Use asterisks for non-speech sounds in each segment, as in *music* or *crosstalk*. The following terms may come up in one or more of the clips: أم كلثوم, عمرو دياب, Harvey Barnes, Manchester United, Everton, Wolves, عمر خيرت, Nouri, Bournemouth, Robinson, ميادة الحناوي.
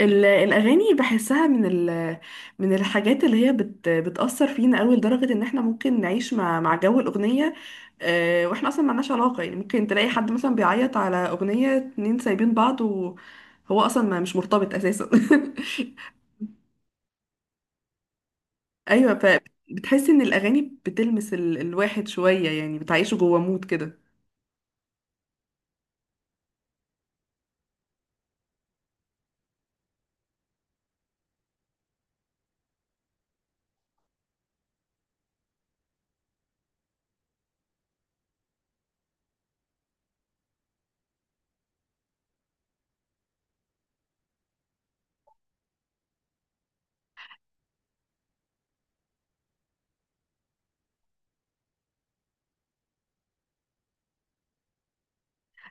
الأغاني بحسها من من الحاجات اللي هي بتأثر فينا أوي لدرجة إن احنا ممكن نعيش مع مع جو الأغنية. آه، واحنا أصلا ملناش علاقة، يعني ممكن تلاقي حد مثلا بيعيط على أغنية اتنين سايبين بعض، وهو أصلا ما مش مرتبط أساسا. *laughs* أيوة، فبتحس إن الأغاني بتلمس الواحد شوية، يعني بتعيشه جوه مود كده.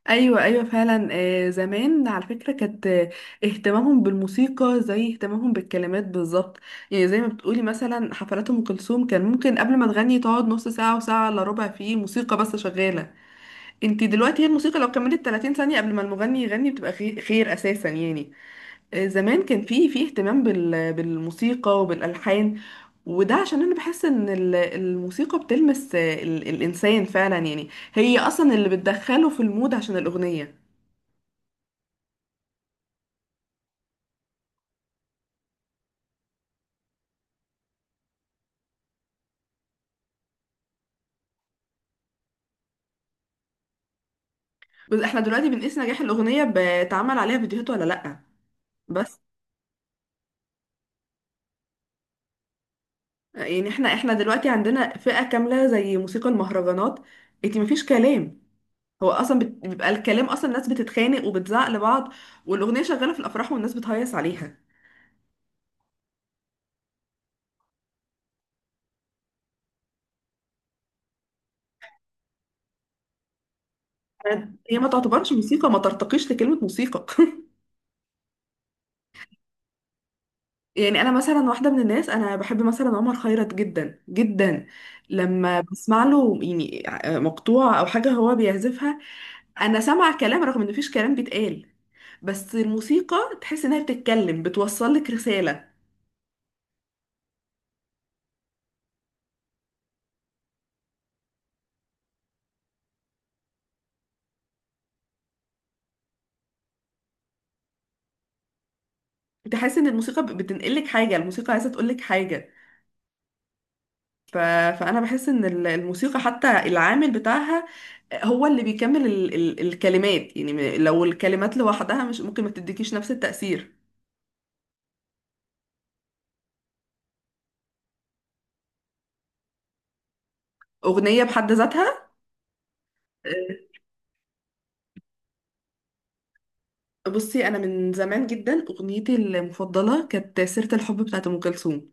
ايوه ايوه فعلا. آه، زمان على فكره كانت، آه، اهتمامهم بالموسيقى زي اهتمامهم بالكلمات بالظبط. يعني زي ما بتقولي، مثلا حفلات ام كلثوم كان ممكن قبل ما تغني تقعد نص ساعه وساعه الا ربع فيه موسيقى بس شغاله. انت دلوقتي هي الموسيقى لو كملت 30 ثانيه قبل ما المغني يغني بتبقى خير، خير اساسا يعني. آه، زمان كان في اهتمام بالموسيقى وبالالحان. وده عشان انا بحس ان الموسيقى بتلمس، آه، الانسان فعلا، يعني هي اصلا اللي بتدخله في المود عشان الاغنيه. بس احنا دلوقتي بنقيس نجاح الأغنية بتعمل عليها فيديوهات ولا لأ. بس يعني احنا دلوقتي عندنا فئة كاملة زي موسيقى المهرجانات. انتي مفيش كلام. هو اصلا بيبقى الكلام اصلا الناس بتتخانق وبتزعق لبعض، والأغنية شغالة في الأفراح والناس بتهيص عليها. هي ما تعتبرش موسيقى، ما ترتقيش لكلمة موسيقى. *laughs* يعني انا مثلا واحدة من الناس انا بحب مثلا عمر خيرت جدا جدا. لما بسمع له يعني مقطوعة او حاجة هو بيعزفها، انا سامعه كلام رغم ان مفيش كلام بيتقال، بس الموسيقى تحس انها بتتكلم بتوصل لك رساله. تحس ان الموسيقى بتنقل لك حاجه، الموسيقى عايزه تقول لك حاجه. ف... فانا بحس ان الموسيقى حتى العامل بتاعها هو اللي بيكمل الكلمات، يعني لو الكلمات لوحدها مش ممكن ما تديكيش نفس التاثير. اغنيه بحد ذاتها. أه، بصي، انا من زمان جدا اغنيتي المفضله كانت سيره الحب بتاعت ام كلثوم.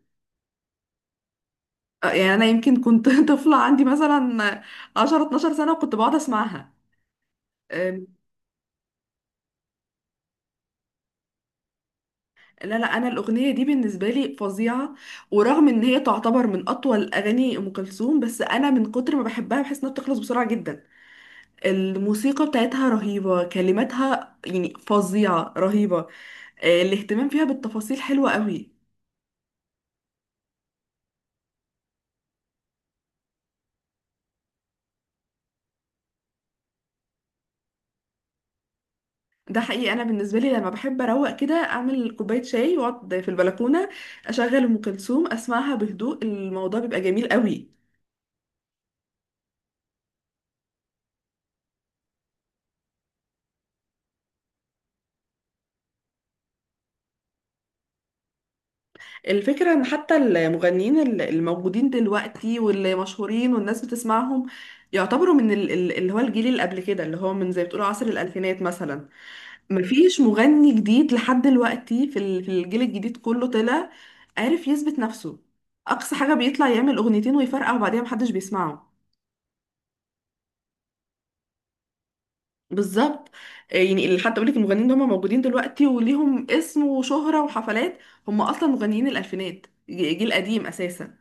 آه، يعني انا يمكن كنت *laughs* طفله، عندي مثلا 10 12 سنه وكنت بقعد اسمعها. أم، لا لا، انا الاغنيه دي بالنسبه لي فظيعه. ورغم ان هي تعتبر من اطول اغاني ام كلثوم، بس انا من كتر ما بحبها بحس انها بتخلص بسرعه جدا. الموسيقى بتاعتها رهيبه، كلماتها يعني فظيعه رهيبه. آه، الاهتمام فيها بالتفاصيل حلوه قوي. ده حقيقي، انا بالنسبه لي لما بحب اروق كده اعمل كوبايه شاي واقعد في البلكونه، اشغل ام كلثوم اسمعها بهدوء، الموضوع بيبقى جميل قوي. الفكرة ان حتى المغنيين الموجودين دلوقتي واللي مشهورين والناس بتسمعهم يعتبروا من اللي هو الجيل اللي قبل كده، اللي هو من زي بتقولوا عصر الألفينات مثلا. مفيش مغني جديد لحد دلوقتي في في الجيل الجديد كله طلع عارف يثبت نفسه. أقصى حاجة بيطلع يعمل أغنيتين ويفرقع وبعدين محدش بيسمعه. بالظبط. آه، يعني اللي حتى أقولك، المغنيين اللي هم موجودين دلوقتي وليهم اسم وشهرة وحفلات، هم أصلا مغنيين الألفينات، جيل قديم أساسا.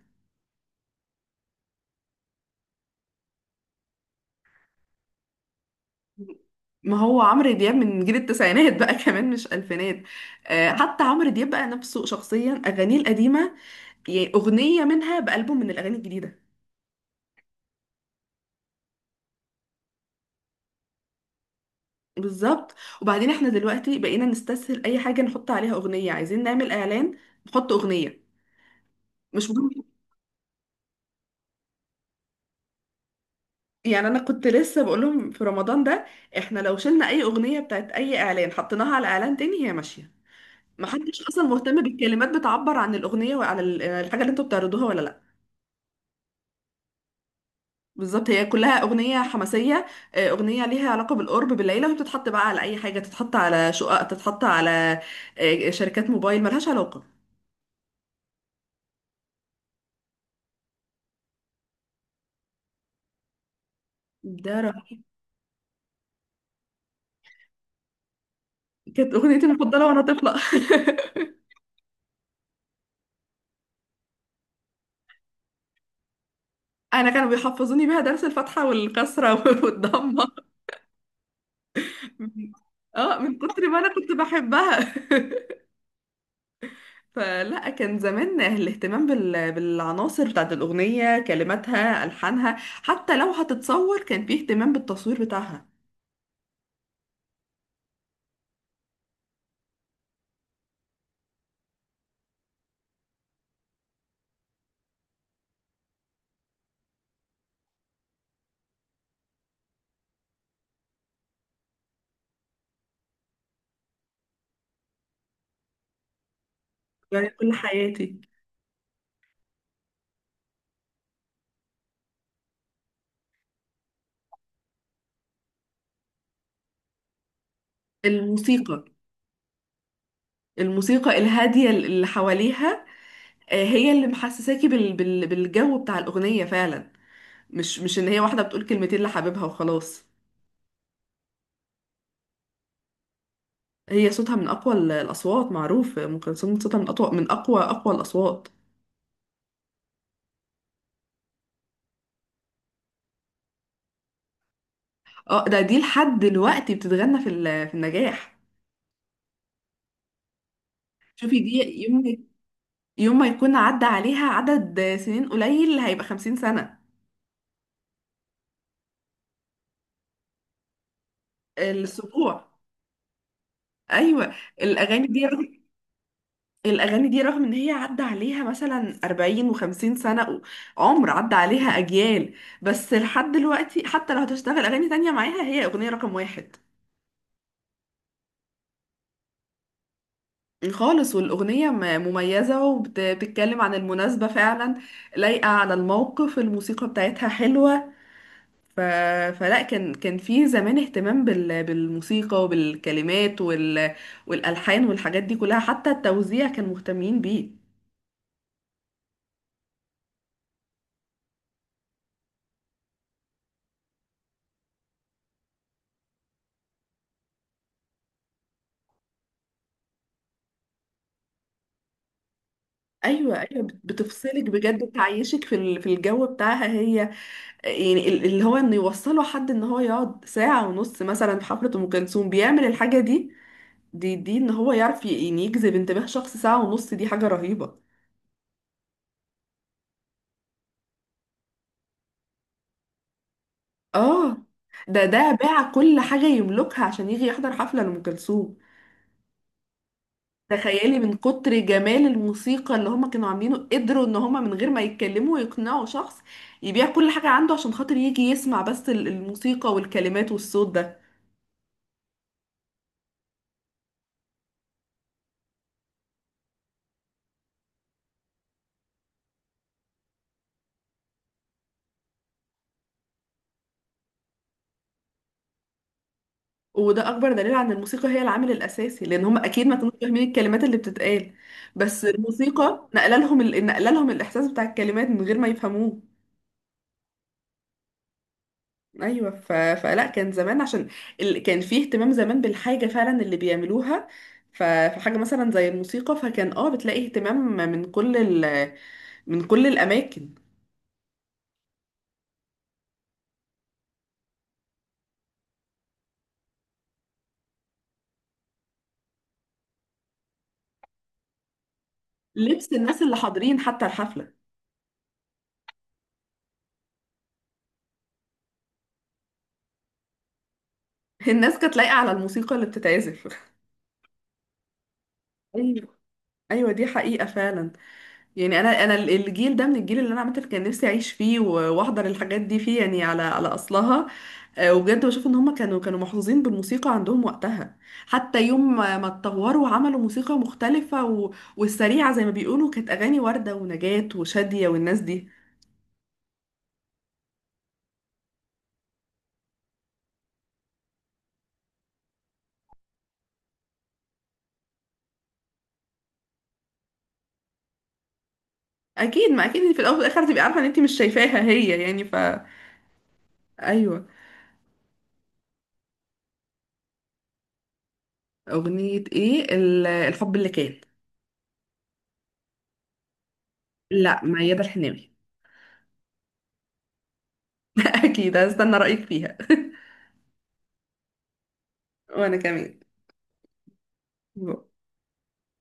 ما هو عمرو دياب من جيل التسعينات بقى *laughs* كمان، مش الفينات. آه، حتى عمرو دياب بقى نفسه شخصيا اغانيه القديمه، يعني اغنيه منها بألبوم من الاغاني الجديده. بالظبط. وبعدين احنا دلوقتي بقينا نستسهل اي حاجه، نحط عليها اغنيه. عايزين نعمل اعلان، نحط اغنيه، مش مهم. يعني انا كنت لسه بقول لهم في رمضان ده، احنا لو شلنا اي اغنيه بتاعت اي اعلان حطيناها على اعلان تاني هي ماشيه، محدش اصلا مهتم بالكلمات بتعبر عن الاغنيه وعن الحاجه اللي انتوا بتعرضوها ولا لا. بالظبط، هي كلها أغنية حماسية. آه، أغنية ليها علاقة بالقرب بالليلة، وهي بتتحط بقى على أي حاجة، تتحط على شقق، تتحط على، آه، شركات موبايل، ملهاش علاقة. ده رهيب. كانت أغنيتي المفضلة وأنا طفلة. *laughs* أنا كانوا بيحفظوني بيها درس الفتحة والكسرة *laughs* والضمة، اه من كتر ما أنا كنت بحبها. *laughs* فلا، كان زمان الاهتمام بالعناصر بتاعت الأغنية، كلماتها ألحانها، حتى لو هتتصور كان فيه اهتمام بالتصوير بتاعها. يعني كل حياتي. الموسيقى، الموسيقى الهادية اللي حواليها، آه، هي اللي محسساكي بالجو بتاع الأغنية فعلا، مش إن هي واحدة بتقول كلمتين لحبيبها وخلاص. هي صوتها من أقوى الأصوات، معروف أم كلثوم صوتها من أقوى، أقوى الأصوات. اه، ده دي لحد دلوقتي بتتغنى في في النجاح. شوفي دي. يوم ما- يوم ما يكون عدى عليها عدد سنين قليل هيبقى 50 سنة. السبوع. أيوة. الأغاني دي، الأغاني دي رغم إن هي عدى عليها مثلا 40 و50 سنة، عمر عدى عليها أجيال، بس لحد دلوقتي حتى لو هتشتغل أغاني تانية معاها هي أغنية رقم واحد خالص. والأغنية مميزة وبتتكلم عن المناسبة فعلا، لايقة على الموقف، الموسيقى بتاعتها حلوة. ف... فلا كان، كان في زمان اهتمام بالموسيقى وبالكلمات والألحان والحاجات دي كلها، حتى التوزيع كان مهتمين بيه. ايوه ايوه، بتفصلك بجد، بتعيشك في في الجو بتاعها هي. يعني اللي هو انه يوصله حد ان هو يقعد ساعه ونص مثلا في حفله ام كلثوم بيعمل الحاجه دي، دي ان هو يعرف يعني يجذب انتباه شخص ساعه ونص، دي حاجه رهيبه. اه، ده باع كل حاجه يملكها عشان يجي يحضر حفله لام كلثوم. تخيلي من كتر جمال الموسيقى اللي هما كانوا عاملينه قدروا ان هما من غير ما يتكلموا يقنعوا شخص يبيع كل حاجه عنده عشان خاطر يجي يسمع بس الموسيقى والكلمات والصوت ده. وده اكبر دليل عن الموسيقى هي العامل الاساسي، لان هم اكيد ما كانوش فاهمين الكلمات اللي بتتقال، بس الموسيقى نقل لهم نقل لهم الاحساس بتاع الكلمات من غير ما يفهموه. ايوه. فلا كان زمان عشان كان فيه اهتمام زمان بالحاجه فعلا اللي بيعملوها. فحاجه مثلا زي الموسيقى فكان اه بتلاقي اهتمام من كل ال... من كل الاماكن. لبس الناس اللي حاضرين حتى الحفله، الناس كانت لايقه على الموسيقى اللي بتتعزف. *laughs* ايوه، ايوه دي حقيقه فعلا. يعني انا الجيل ده، من الجيل اللي انا عامه كان نفسي اعيش فيه واحضر الحاجات دي فيه، يعني على على اصلها. آه، وبجد بشوف ان هم كانوا محظوظين بالموسيقى عندهم وقتها. حتى يوم ما اتطوروا وعملوا موسيقى مختلفه والسريعه زي ما بيقولوا، كانت اغاني ورده ونجاة وشاديه والناس دي. اكيد، ما اكيد إن في الاول والاخر تبقي عارفه ان انت مش شايفاها هي يعني. ايوه. اغنيه ايه؟ الحب اللي كان. لا، ميادة الحناوي. *laughs* اكيد هستنى رايك فيها. وانا كمان.